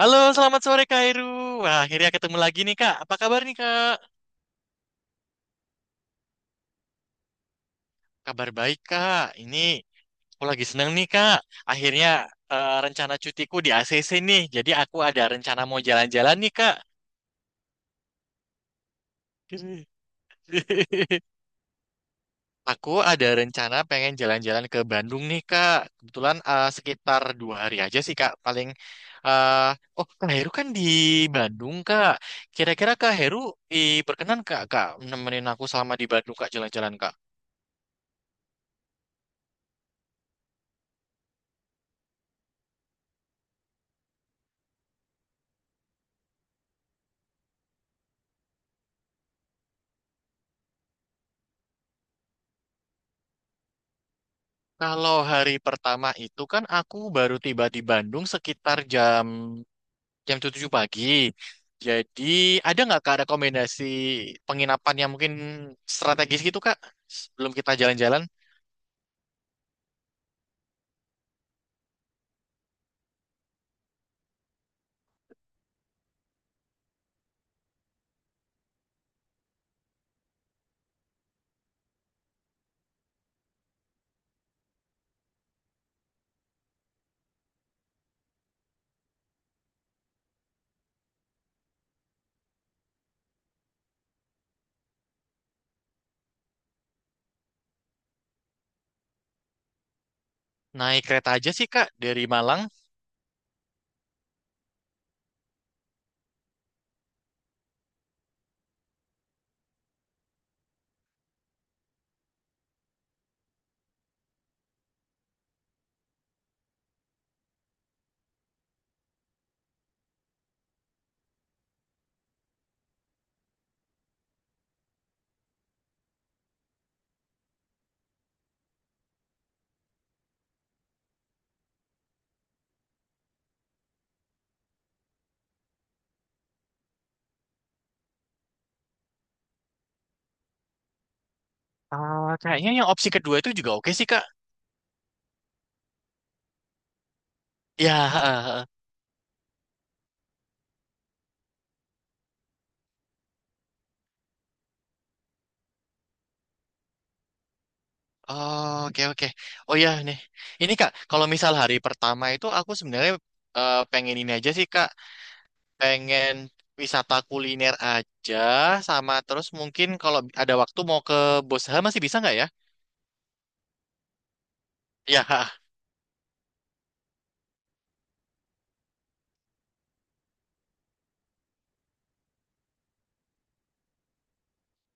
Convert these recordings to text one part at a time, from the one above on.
Halo, selamat sore Kak Heru. Wah, akhirnya ketemu lagi nih Kak. Apa kabar nih Kak? Kabar baik Kak. Ini aku lagi seneng nih Kak. Akhirnya Rencana cutiku di ACC nih. Jadi aku ada rencana mau jalan-jalan nih Kak. Aku ada rencana pengen jalan-jalan ke Bandung nih Kak. Kebetulan sekitar dua hari aja sih Kak. Eh, oh Kak Heru kan di Bandung Kak. Kira-kira Kak Heru berkenan Kak, nemenin aku selama di Bandung Kak jalan-jalan Kak. Kalau hari pertama itu kan aku baru tiba di Bandung sekitar jam jam 7 pagi. Jadi ada nggak Kak rekomendasi penginapan yang mungkin strategis gitu Kak? Sebelum kita jalan-jalan, naik kereta aja sih Kak dari Malang. Ah, kayaknya yang opsi kedua itu juga oke sih Kak. Ya, oh, oke oke. Oh ya nih, ini Kak, kalau misal hari pertama itu aku sebenarnya pengen ini aja sih Kak. Pengen wisata kuliner aja sama terus mungkin kalau ada waktu mau ke Bosha masih bisa nggak ya? Ya,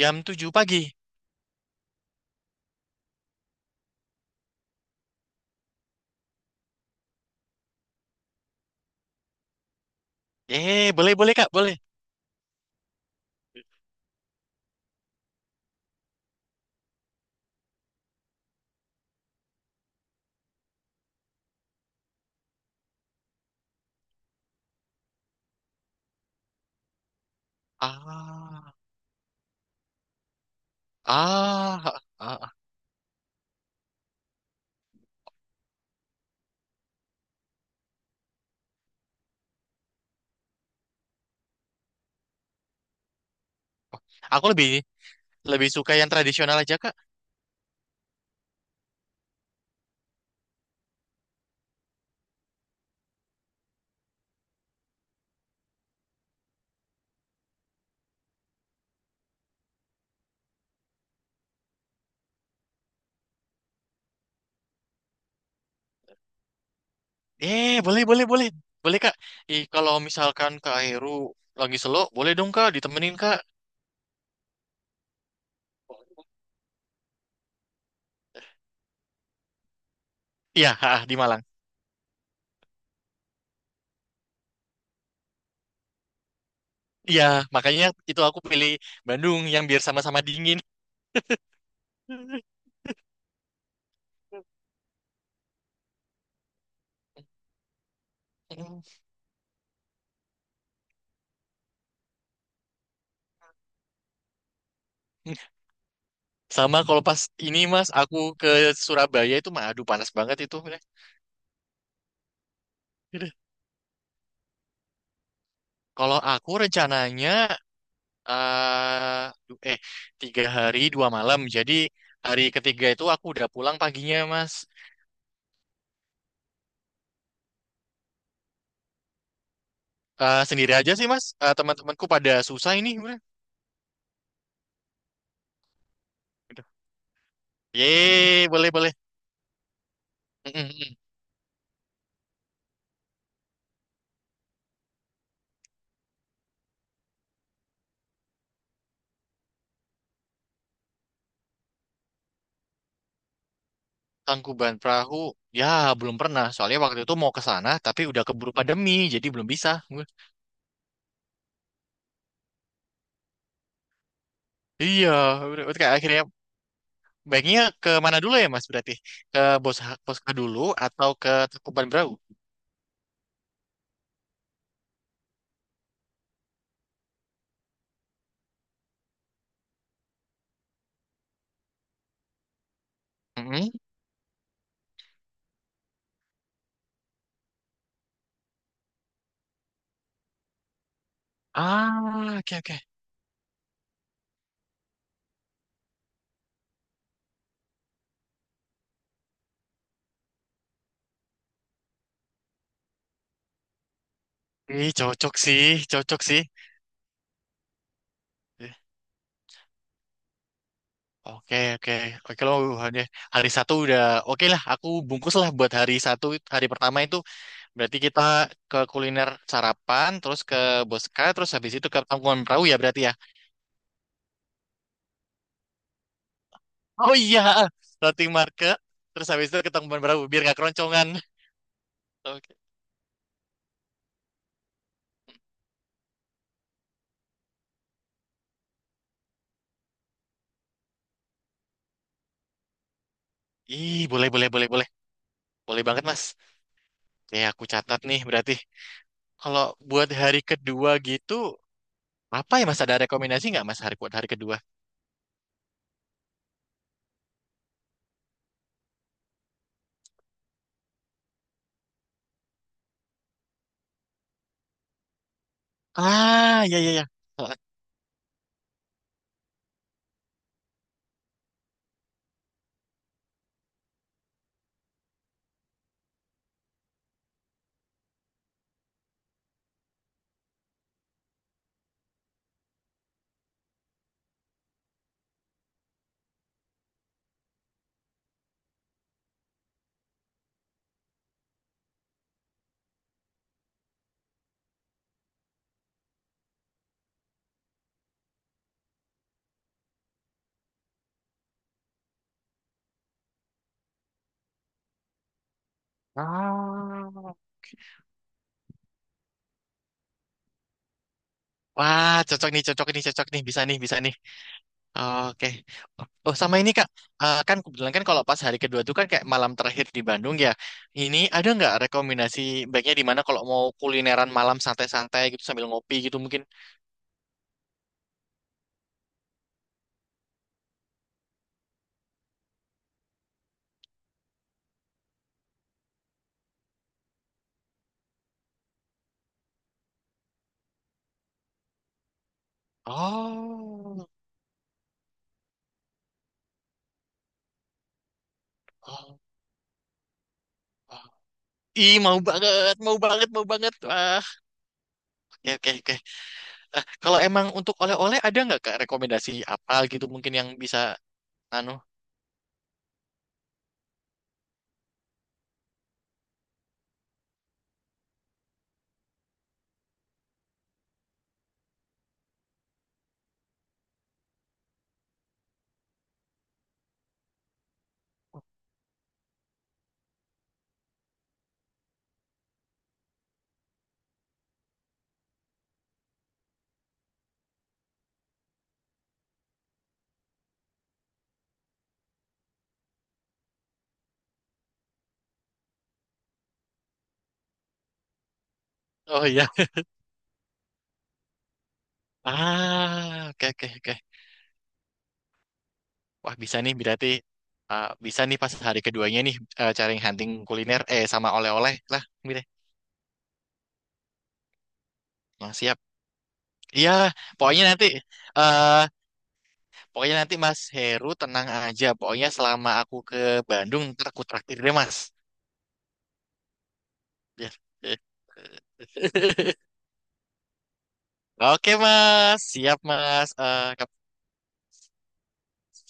jam 7 pagi. Eh, boleh boleh Kak, boleh. Ah, ah, ah. ah. Aku lebih lebih suka yang tradisional aja Kak. Eh, boleh boleh boleh. Boleh Kak. Ih, kalau misalkan Kak Heru lagi selo, boleh dong Kak ditemenin Kak. Iya, ah, di Malang. Iya, makanya itu aku pilih Bandung yang biar sama-sama dingin. Sama kalau pas ini Mas, aku ke Surabaya itu mah aduh panas banget itu. Udah, udah. Kalau aku rencananya eh du- eh tiga hari dua malam. Jadi hari ketiga itu aku udah pulang paginya Mas. Eh sendiri aja sih Mas. Eh, teman-temanku pada susah ini. Udah. Udah. Yeay, boleh boleh. Mm, mm, mm. Tangkuban Perahu. Ya belum pernah. Soalnya waktu itu mau ke sana tapi udah keburu pandemi jadi belum bisa. Udah. Iya, udah, kayak akhirnya baiknya ke mana dulu ya Mas berarti? Ke Bos Poska dulu atau ke Tangkuban Perahu? Mm-mm. Ah, oke oke. Ih, cocok sih, cocok sih. Eh, Oke oke oke loh, hari hari satu udah oke lah, aku bungkus lah buat hari pertama. Itu berarti kita ke kuliner sarapan terus ke Boska, terus habis itu ke Tangkuban Perahu ya berarti ya. Oh iya, floating market terus habis itu ke Tangkuban Perahu biar nggak keroncongan. Oke, ih boleh boleh boleh boleh, boleh banget Mas. Ya, aku catat nih berarti. Kalau buat hari kedua gitu, apa ya Mas, ada rekomendasi nggak Mas hari buat hari kedua? Ah, ya ya ya. Ah. Wah, cocok nih, cocok nih, cocok nih, bisa nih, bisa nih. Oke. Oh, sama ini Kak, eh, kan kebetulan kan kalau pas hari kedua tuh kan kayak malam terakhir di Bandung ya. Ini ada nggak rekomendasi baiknya di mana kalau mau kulineran malam santai-santai gitu sambil ngopi gitu mungkin? Oh, oh, oh. Ih, mau banget, mau banget, mau banget. Ya, oke, oke. Eh, kalau emang untuk oleh-oleh ada nggak Kak rekomendasi apa gitu mungkin yang bisa anu? Oh iya. Ah, oke, oke, oke. Wah, bisa nih berarti, ah, bisa nih pas hari keduanya nih, eh, cari hunting kuliner eh sama oleh-oleh lah gitu. Nah, siap. Iya, pokoknya nanti eh pokoknya nanti Mas Heru tenang aja. Pokoknya selama aku ke Bandung ntar aku traktir deh, Mas. Ya. Oke, Mas. Siap, Mas. Eh